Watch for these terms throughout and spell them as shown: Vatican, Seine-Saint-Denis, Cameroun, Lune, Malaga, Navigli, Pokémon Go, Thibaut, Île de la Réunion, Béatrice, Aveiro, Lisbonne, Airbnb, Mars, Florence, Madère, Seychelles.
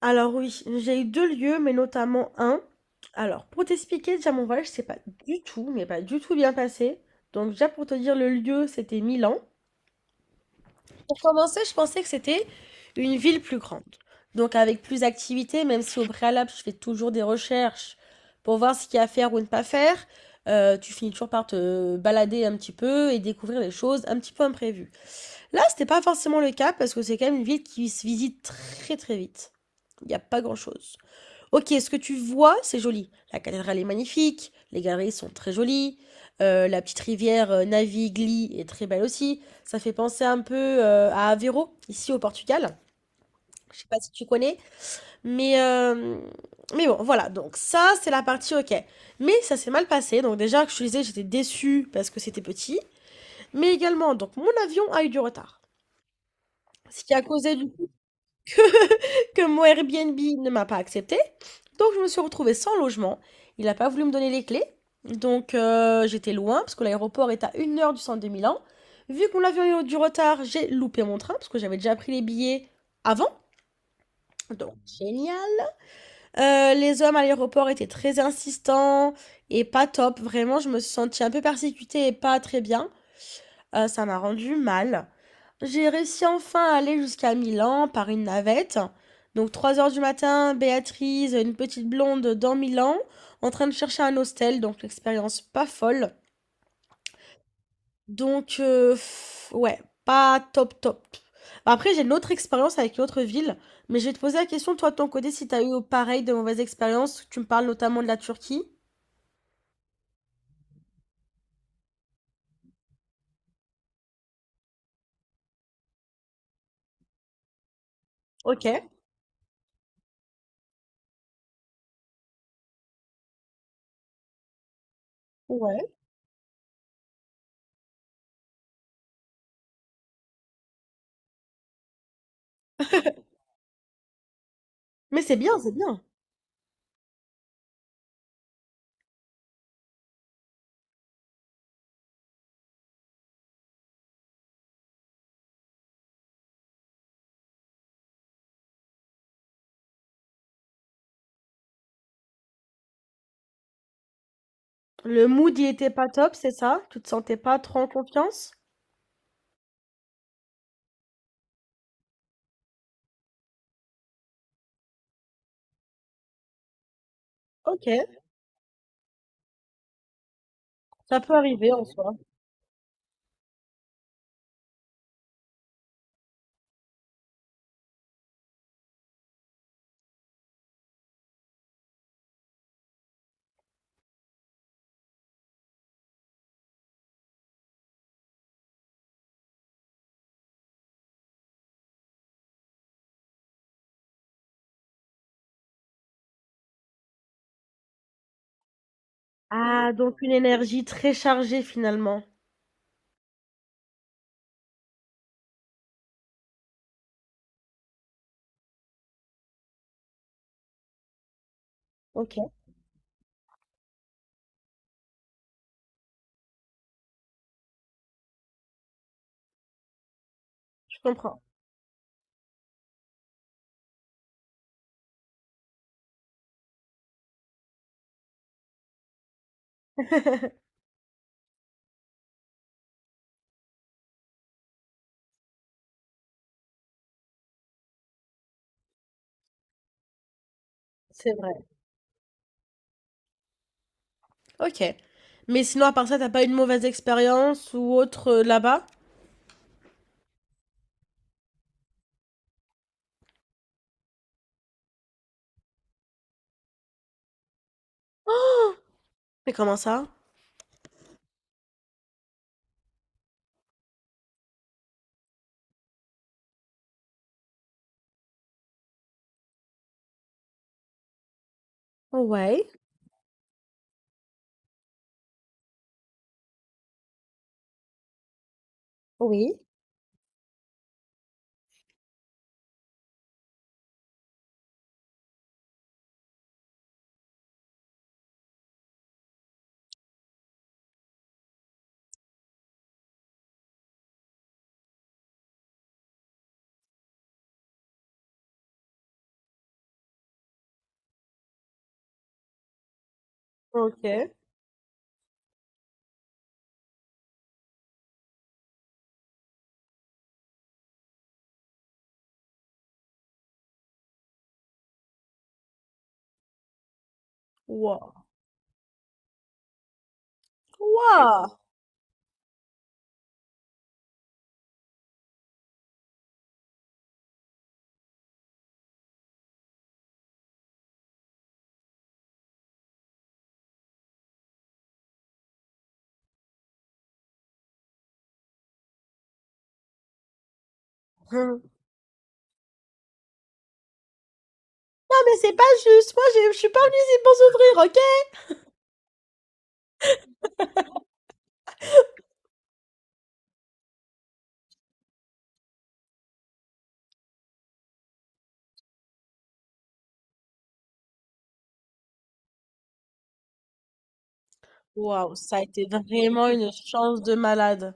Alors oui, j'ai eu 2 lieux, mais notamment un. Alors, pour t'expliquer, déjà mon voyage, c'est pas du tout, mais pas du tout bien passé. Donc déjà pour te dire le lieu, c'était Milan. Pour commencer, je pensais que c'était une ville plus grande. Donc avec plus d'activités, même si au préalable, je fais toujours des recherches pour voir ce qu'il y a à faire ou ne pas faire, tu finis toujours par te balader un petit peu et découvrir des choses un petit peu imprévues. Là, c'était pas forcément le cas parce que c'est quand même une ville qui se visite très très vite. Il n'y a pas grand-chose. OK, ce que tu vois, c'est joli. La cathédrale est magnifique, les galeries sont très jolies, la petite rivière Navigli est très belle aussi. Ça fait penser un peu à Aveiro, ici au Portugal. Je sais pas si tu connais, mais, euh, mais bon, voilà. Donc ça, c'est la partie OK. Mais ça s'est mal passé. Donc déjà, que je te disais, j'étais déçue parce que c'était petit. Mais également, donc mon avion a eu du retard. Ce qui a causé du que mon Airbnb ne m'a pas accepté. Donc je me suis retrouvée sans logement. Il n'a pas voulu me donner les clés. Donc j'étais loin parce que l'aéroport est à 1 heure du centre de Milan. Vu qu'on mon eu du retard, j'ai loupé mon train parce que j'avais déjà pris les billets avant. Donc génial. Les hommes à l'aéroport étaient très insistants et pas top. Vraiment, je me suis sentie un peu persécutée et pas très bien. Ça m'a rendu mal. J'ai réussi enfin à aller jusqu'à Milan par une navette. Donc 3 heures du matin, Béatrice, une petite blonde dans Milan, en train de chercher un hostel, donc l'expérience pas folle. Donc heu, ouais, pas top top. Après j'ai une autre expérience avec une autre ville, mais je vais te poser la question toi de ton côté si t'as eu pareil de mauvaises expériences. Tu me parles notamment de la Turquie. OK, ouais. Mais c'est bien, c'est bien. Le mood il était pas top, c'est ça? Tu te sentais pas trop en confiance? OK, ça peut arriver en soi. Ah, donc une énergie très chargée finalement. OK, je comprends, c'est vrai. OK. Mais sinon à part ça, t'as pas une mauvaise expérience ou autre, là-bas? Mais comment ça? Ouais, oui. OK. Waouh! Waouh! Non mais c'est pas juste, moi j'ai je suis pas venue ici pour souffrir, OK? Waouh, ça a été vraiment une chance de malade.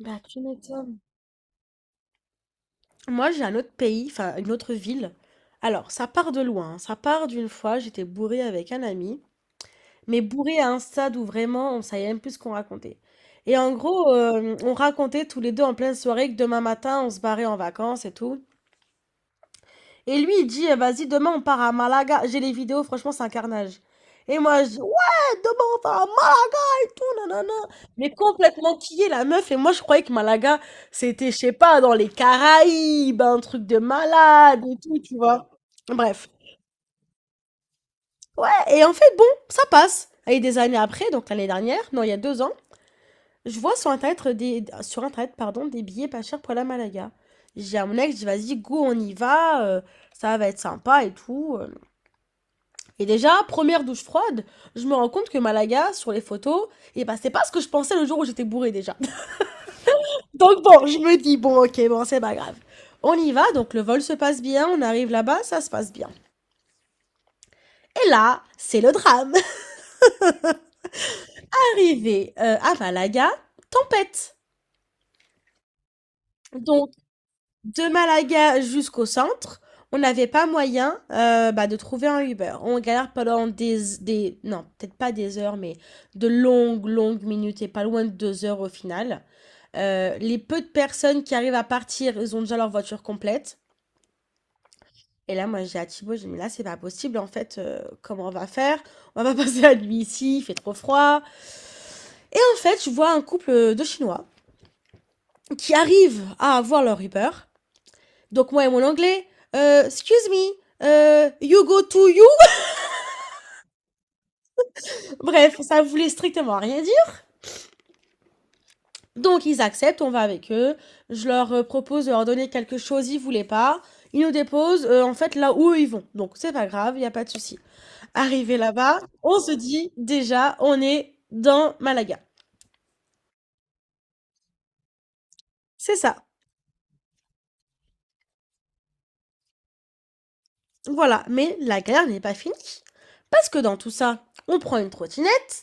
Bah, tu m'étonnes. Moi, j'ai un autre pays, enfin une autre ville. Alors, ça part de loin. Hein. Ça part d'une fois, j'étais bourrée avec un ami, mais bourrée à un stade où vraiment on savait même plus ce qu'on racontait. Et en gros, on racontait tous les deux en pleine soirée que demain matin, on se barrait en vacances et tout. Et lui, il dit, eh, vas-y, demain on part à Malaga. J'ai les vidéos, franchement, c'est un carnage. Et moi, je dis, ouais, demain on part à Malaga tout, nanana. Mais complètement est la meuf. Et moi, je croyais que Malaga, c'était, je sais pas, dans les Caraïbes, un truc de malade et tout, tu vois. Bref. Ouais, et en fait, bon, ça passe. Et des années après, donc l'année dernière, non, il y a 2 ans, je vois sur Internet des, sur Internet, pardon, des billets pas chers pour la Malaga. J'ai à mon ex, je dis, vas-y, go, on y va, ça va être sympa et tout. Et déjà, première douche froide, je me rends compte que Malaga, sur les photos, et ben c'est pas ce que je pensais le jour où j'étais bourrée déjà. Donc bon, je me dis, bon, ok, bon, c'est pas grave. On y va, donc le vol se passe bien, on arrive là-bas, ça se passe bien. Et là, c'est le drame. Arrivé à Malaga, tempête. Donc, de Malaga jusqu'au centre, on n'avait pas moyen bah, de trouver un Uber. On galère pendant des non, peut-être pas des heures, mais de longues, longues minutes et pas loin de 2 heures au final. Les peu de personnes qui arrivent à partir, ils ont déjà leur voiture complète. Et là, moi, j'ai à Thibaut, j'ai dit, mais là, c'est pas possible, en fait, comment on va faire? On va passer la nuit ici, il fait trop froid. Et en fait, je vois un couple de Chinois qui arrivent à avoir leur Uber. Donc, moi et mon anglais, excuse me, you go to you. Bref, ça voulait strictement rien dire. Donc, ils acceptent, on va avec eux. Je leur propose de leur donner quelque chose, ils voulaient pas. Ils nous déposent, en fait, là où eux, ils vont. Donc, c'est pas grave, il n'y a pas de souci. Arrivé là-bas, on se dit déjà, on est dans Malaga. C'est ça. Voilà. Mais la galère n'est pas finie. Parce que dans tout ça, on prend une trottinette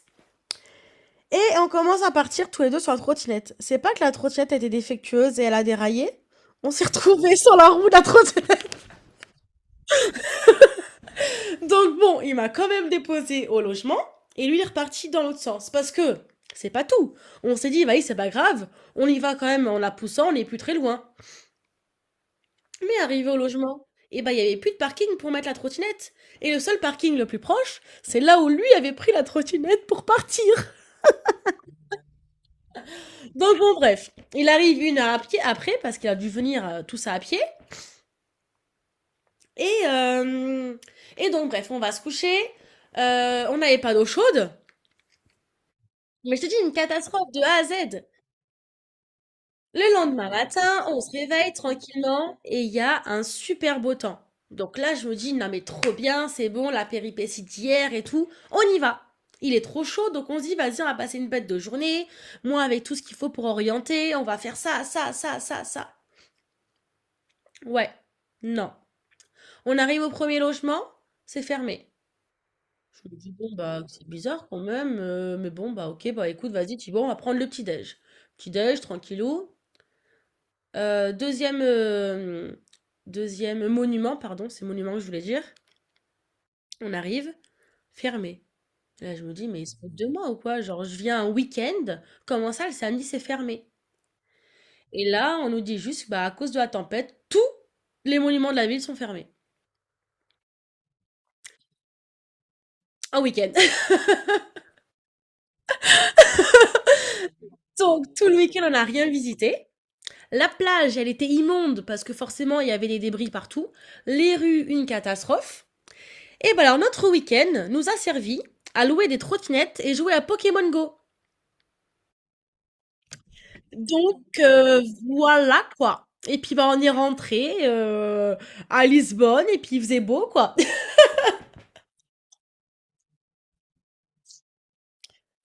et on commence à partir tous les deux sur la trottinette. C'est pas que la trottinette était défectueuse et elle a déraillé. On s'est retrouvés sur la roue de la trottinette. Donc bon, il m'a quand même déposé au logement et lui il est reparti dans l'autre sens. Parce que c'est pas tout. On s'est dit, bah oui, c'est pas grave. On y va quand même en la poussant, on n'est plus très loin. Mais arrivé au logement, eh ben, il y avait plus de parking pour mettre la trottinette. Et le seul parking le plus proche, c'est là où lui avait pris la trottinette pour partir. Donc bon, bref, il arrive 1 heure à pied après, parce qu'il a dû venir tout ça à pied. Et, euh, et donc, bref, on va se coucher. On n'avait pas d'eau chaude. Mais je te dis, une catastrophe de A à Z. Le lendemain matin, on se réveille tranquillement et il y a un super beau temps. Donc là, je me dis, non mais trop bien, c'est bon, la péripétie d'hier et tout, on y va. Il est trop chaud, donc on se dit, vas-y, on va passer une bête de journée. Moi, avec tout ce qu'il faut pour orienter, on va faire ça, ça, ça, ça, ça. Ouais, non. On arrive au premier logement, c'est fermé. Je me dis, bon, bah, c'est bizarre quand même, mais bon, bah, ok, bah, écoute, vas-y, tu bon, on va prendre le petit-déj. Petit-déj, tranquillou. Deuxième hem, monument, pardon, c'est monument que je voulais dire. On arrive, fermé. Là, je me dis: «Mais ils se foutent de moi ou quoi? Genre, je viens un week-end, comment ça le samedi c'est fermé?» Et là, on nous dit juste: «Bah, à cause de la tempête, tous les monuments de la ville sont fermés, un week-end». Donc tout le week-end, on n'a rien visité. La plage, elle était immonde parce que forcément, il y avait des débris partout. Les rues, une catastrophe et bah, alors notre week-end nous a servi à louer des trottinettes et jouer à Pokémon Go. Donc heu, voilà quoi et puis, bah, on est rentré à Lisbonne et puis il faisait beau quoi.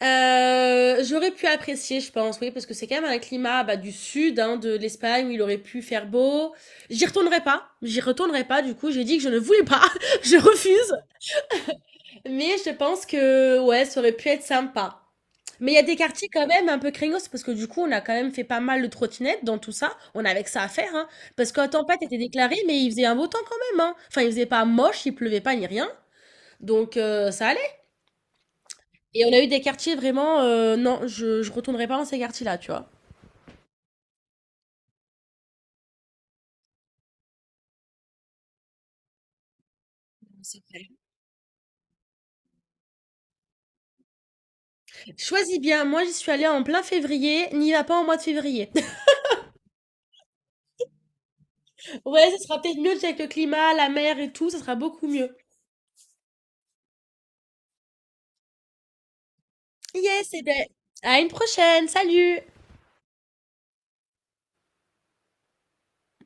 J'aurais pu apprécier je pense, oui, parce que c'est quand même un climat, bah, du sud, hein, de l'Espagne où il aurait pu faire beau. J'y retournerai pas du coup, j'ai dit que je ne voulais pas, je refuse. Mais je pense que, ouais, ça aurait pu être sympa. Mais il y a des quartiers quand même un peu craignos parce que du coup, on a quand même fait pas mal de trottinettes dans tout ça. On avait que ça à faire, hein. Parce qu'en tempête était déclaré, mais il faisait un beau temps quand même, hein. Enfin, il faisait pas moche, il pleuvait pas ni rien. Donc, ça allait. Et on a eu des quartiers vraiment, non, je retournerai pas dans ces quartiers-là, tu vois. Choisis bien. Moi, j'y suis allée en plein février. N'y va pas en mois de février. Ouais, ça sera peut-être mieux avec le climat, la mer et tout. Ça sera beaucoup mieux. Yes, et ben, à une prochaine. Salut!